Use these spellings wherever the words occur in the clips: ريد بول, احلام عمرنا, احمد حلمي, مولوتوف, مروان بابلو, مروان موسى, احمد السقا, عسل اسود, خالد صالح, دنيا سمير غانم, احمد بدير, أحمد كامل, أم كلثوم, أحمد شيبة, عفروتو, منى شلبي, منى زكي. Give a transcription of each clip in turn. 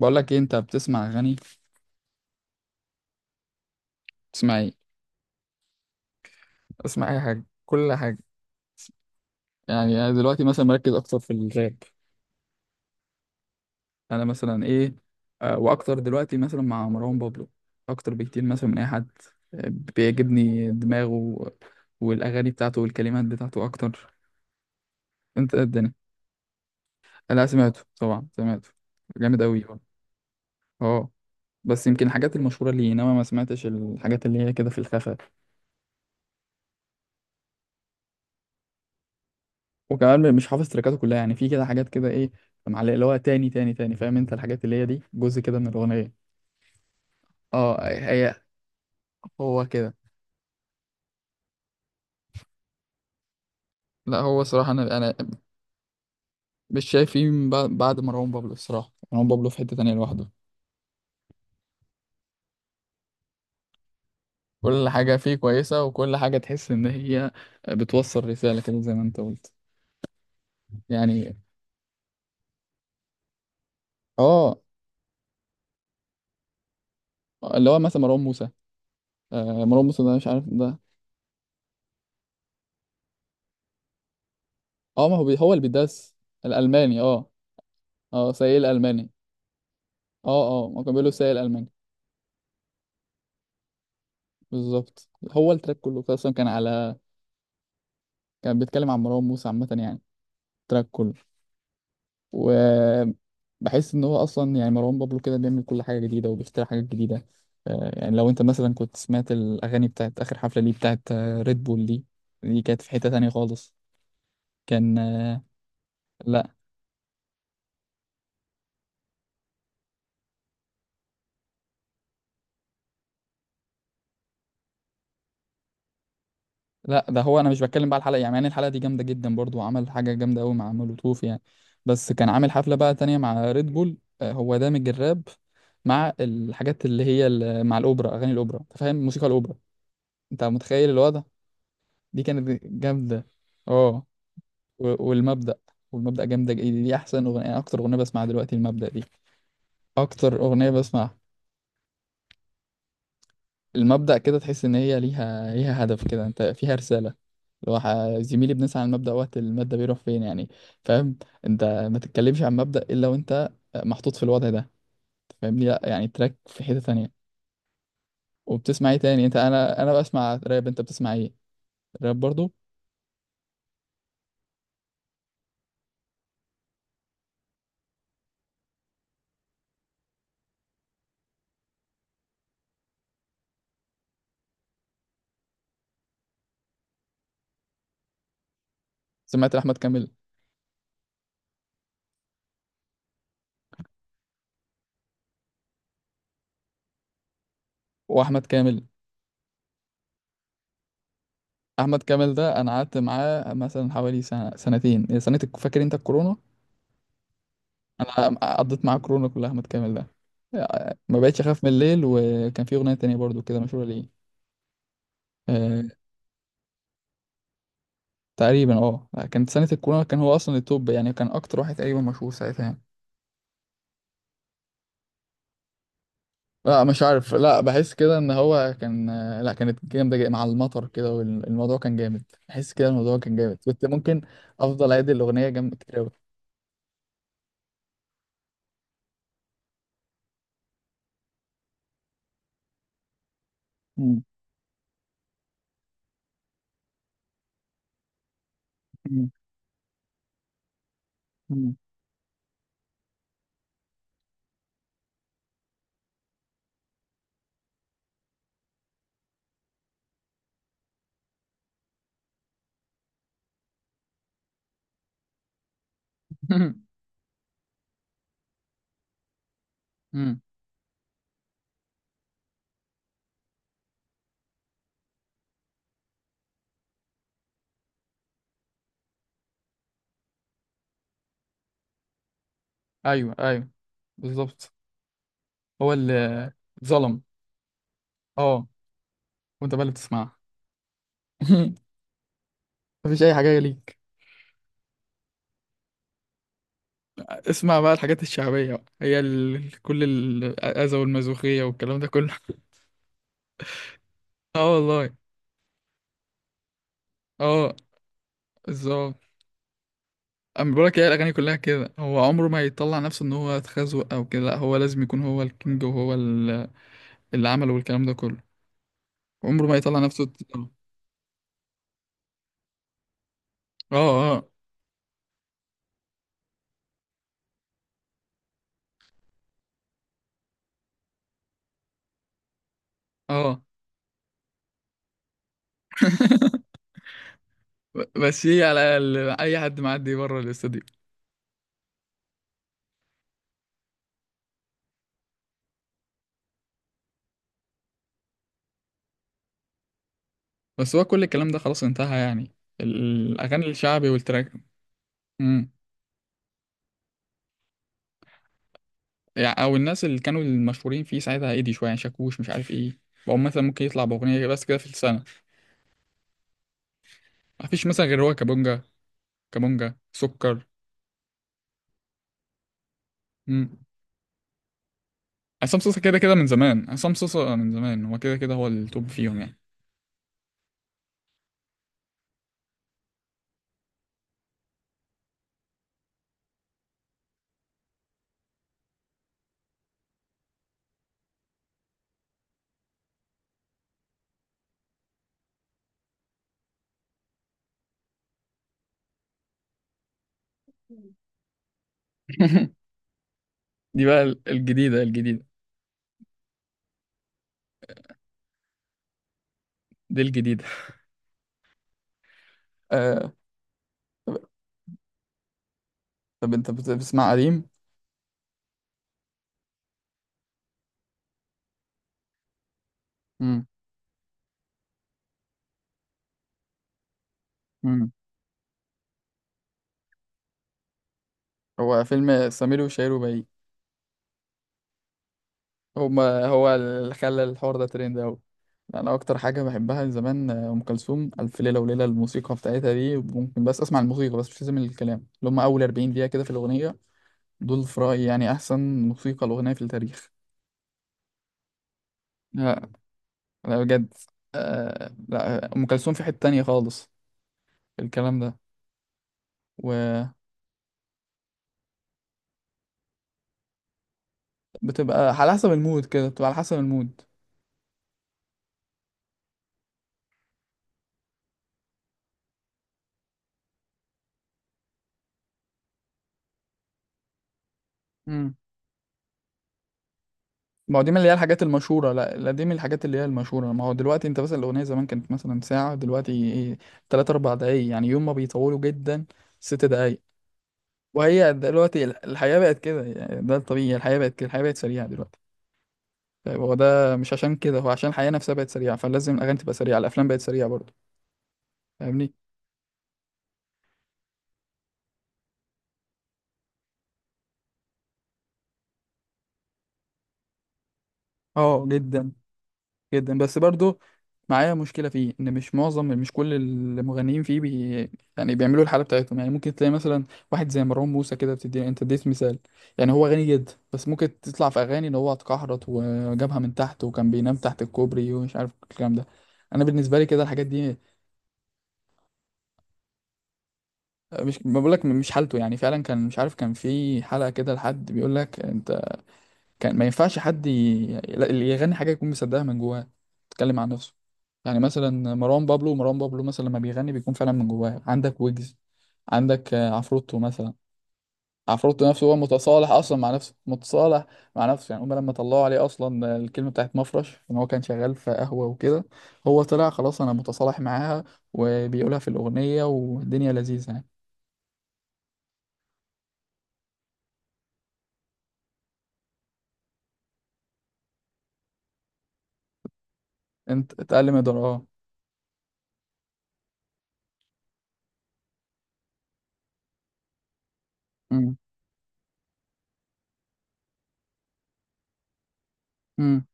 بقول لك ايه، انت بتسمع اغاني؟ بتسمع ايه؟ اسمع اي حاجه، كل حاجه. يعني انا دلوقتي مثلا مركز اكتر في الراب. انا مثلا ايه؟ واكتر دلوقتي مثلا مع مروان بابلو اكتر بكتير مثلا من اي حد. آه، بيعجبني دماغه والاغاني بتاعته والكلمات بتاعته اكتر. انت إيه الدنيا؟ لا سمعته، طبعا سمعته، جامد قوي، اه. بس يمكن الحاجات المشهوره ليه، انما ما سمعتش الحاجات اللي هي كده في الخفا. وكمان مش حافظ تريكاته كلها، يعني في كده حاجات كده ايه، معلقه، اللي هو تاني تاني تاني، فاهم انت؟ الحاجات اللي هي دي جزء كده من الاغنيه. اه، هي هو كده. لا هو صراحه، انا مش شايف فيه من بعد مروان بابلو الصراحه. مروان بابلو في حته تانية لوحده، كل حاجه فيه كويسه، وكل حاجه تحس ان هي بتوصل رساله كده زي ما انت قلت يعني. اه، اللي هو مثلا مروان موسى. آه، مروان موسى ده، مش عارف ده. اه، ما هو هو اللي بيدس. الالماني، اه. اه، سيء الالماني. اه اه، ما كان بيقولوا سيء الالماني بالظبط، هو التراك كله اصلا كان بيتكلم عن مروان موسى عامة يعني، التراك كله. وبحس ان هو اصلا يعني مروان بابلو كده بيعمل كل حاجة جديدة وبيخترع حاجات جديدة. يعني لو انت مثلا كنت سمعت الاغاني بتاعت اخر حفلة ليه، بتاعت ريد بول دي، دي كانت في حتة تانية خالص. كان آه، لا لا، ده هو انا مش بتكلم بقى على الحلقه، يعني الحلقه دي جامده جدا برضو، وعمل حاجه جامده قوي مع مولوتوف يعني. بس كان عامل حفله بقى تانية مع ريد بول، هو دامج الراب مع الحاجات اللي هي مع الاوبرا، اغاني الاوبرا، انت فاهم؟ موسيقى الاوبرا، انت متخيل الوضع؟ دي كانت جامده. اه والمبدأ، والمبدأ جامده، دي احسن اغنيه، اكتر اغنيه بسمعها دلوقتي المبدأ دي، اكتر اغنيه بسمعها. المبدأ كده تحس إن هي ليها هدف كده، أنت فيها رسالة. اللي هو زميلي بنسعى على المبدأ، وقت المادة بيروح فين يعني، فاهم؟ أنت ما تتكلمش عن مبدأ إلا وأنت محطوط في الوضع ده، أنت فاهمني؟ لأ يعني تراك في حتة تانية. وبتسمع إيه تاني أنت؟ أنا بسمع راب، أنت بتسمع إيه؟ راب برضو. سمعت أحمد كامل؟ وأحمد كامل أحمد كامل ده أنا قعدت معاه مثلا حوالي سنة، سنتين، سنة فاكر أنت الكورونا؟ انا قضيت معاه كورونا كلها متكامل ده. ما بقتش اخاف من الليل، وكان في اغنيه تانية برضو كده مشهوره ليه. آه تقريبا، كانت سنه الكورونا، كان هو اصلا التوب يعني، كان اكتر واحد تقريبا مشهور ساعتها يعني. لا مش عارف، لا بحس كده ان هو كان، لا كانت جامده، مع المطر كده والموضوع كان جامد. بحس كده الموضوع كان جامد، كنت ممكن افضل اعيد الاغنيه جنب كتير قوي. مم. مم. مم. مم. ايوه ايوه، بالظبط، هو اللي ظلم، اه. وانت بقى اللي بتسمعها؟ مفيش اي حاجه ليك. اسمع بقى الحاجات الشعبية بقى. هي كل الأذى والمازوخية والكلام ده كله. اه والله. اه، بالظبط. انا بقول لك، هي الأغاني كلها كده، هو عمره ما يطلع نفسه إن هو اتخزوق أو كده، لا هو لازم يكون هو الكينج، وهو اللي عمله، والكلام ده كله. عمره ما يطلع نفسه اه اه آه. بس هي على أي حد معدي بره الاستوديو. بس هو كل الكلام ده خلاص انتهى يعني، الأغاني الشعبي والتراك، يعني او الناس اللي كانوا المشهورين فيه ساعتها هادي شويه يعني، شاكوش، مش عارف ايه، بقوا مثلا ممكن يطلع باغنيه بس كده في السنه. ما فيش مثلا غير هو كابونجا. كابونجا سكر. امم. عصام صوصه كده كده من زمان، عصام صوصه من زمان هو كده كده، هو التوب فيهم يعني. دي بقى الجديده الجديده. دي الجديده، آه. طب, طب, انت بتسمع قديم؟ امم امم. هو فيلم سمير وشهير وبهير، هما هو اللي خلى الحوار ده ترند أوي. أنا أكتر حاجة بحبها من زمان أم كلثوم، ألف ليلة وليلة، الموسيقى بتاعتها دي ممكن بس أسمع الموسيقى بس، مش لازم الكلام، اللي هما أول 40 دقيقة كده في الأغنية، دول في رأيي يعني أحسن موسيقى الأغنية في التاريخ. لا، لا بجد، لا، أم كلثوم في حتة تانية خالص، الكلام ده. وبتبقى على حسب المود كده، بتبقى على حسب المود. ما هو دي من اللي هي الحاجات المشهورة، لا لا، دي من الحاجات اللي هي المشهورة. ما هو دلوقتي انت مثلا الأغنية زمان كانت مثلا ساعة، دلوقتي ايه؟ تلات أربع دقايق يعني، يوم ما بيطولوا جدا، ست دقايق. وهي دلوقتي الحياة بقت كده يعني، ده الطبيعي، الحياة بقت كده، الحياة بقت سريعة دلوقتي. طيب هو ده مش عشان كده؟ هو عشان الحياة نفسها بقت سريعة، فلازم الأغاني تبقى سريعة، الأفلام بقت سريعة برضه، فاهمني؟ اه جدا. جدا، بس برضو معايا مشكلة فيه، إن مش معظم، مش كل المغنيين فيه يعني بيعملوا الحالة بتاعتهم يعني، ممكن تلاقي مثلا واحد زي مروان موسى كده بتدي، أنت اديت مثال، يعني هو غني جدا بس ممكن تطلع في أغاني إن هو اتكحرت وجابها من تحت وكان بينام تحت الكوبري ومش عارف الكلام ده. أنا بالنسبة لي كده الحاجات دي، مش ما بقولك، مش حالته يعني فعلا، كان مش عارف، كان في حلقة كده لحد بيقول لك أنت كان ما ينفعش حد. اللي يغني حاجة يكون مصدقها من جواه، تتكلم عن نفسه. يعني مثلا مروان بابلو، مروان بابلو مثلا لما بيغني بيكون فعلا من جواه، عندك ويجز، عندك، عفروتو مثلا. عفروتو نفسه هو متصالح اصلا مع نفسه، متصالح مع نفسه يعني، هما لما طلعوا عليه اصلا الكلمه بتاعت مفرش ان هو كان شغال في قهوه وكده، هو طلع خلاص انا متصالح معاها، وبيقولها في الاغنيه، والدنيا لذيذه يعني. انت اتقل مقدار، اه. امم امم.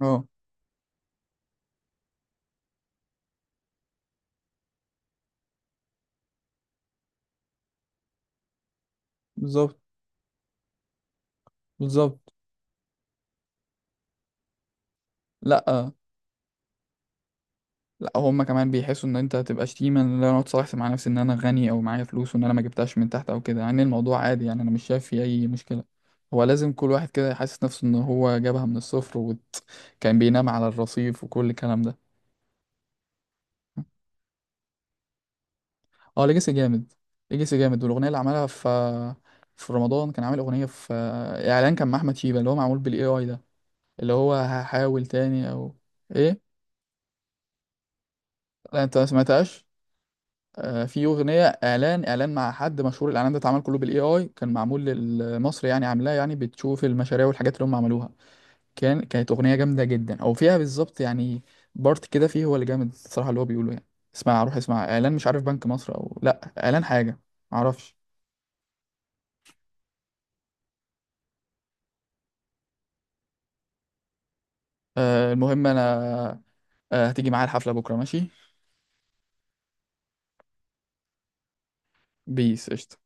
اه، بالظبط، بالظبط. لا لا، هما كمان بيحسوا ان انت هتبقى شتيمه، ان انا اتصالحت مع نفسي، ان انا غني او معايا فلوس، وان انا ما جبتهاش من تحت او كده، يعني الموضوع عادي يعني، انا مش شايف فيه اي مشكله. هو لازم كل واحد كده يحسس نفسه ان هو جابها من الصفر، وكان بينام على الرصيف وكل الكلام ده. اه، ليجاسي جامد. ليجاسي جامد، والاغنيه اللي عملها في، في رمضان كان عامل اغنيه في اعلان، كان مع احمد شيبه، اللي هو معمول بالاي اي ده، اللي هو هحاول تاني، او ايه؟ لا، انت ما سمعتهاش. في اغنيه اعلان مع حد مشهور، الاعلان ده اتعمل كله بالاي اي، كان معمول لمصر يعني، عاملاه يعني بتشوف المشاريع والحاجات اللي هم عملوها. كانت اغنيه جامده جدا، او فيها بالظبط يعني بارت كده فيه هو اللي جامد الصراحه، اللي هو بيقوله يعني. اسمع، روح اسمع اعلان، مش عارف بنك مصر او، لا اعلان حاجه، معرفش. المهم انا آه، هتيجي معايا الحفله بكره؟ ماشي. بيس قشطة.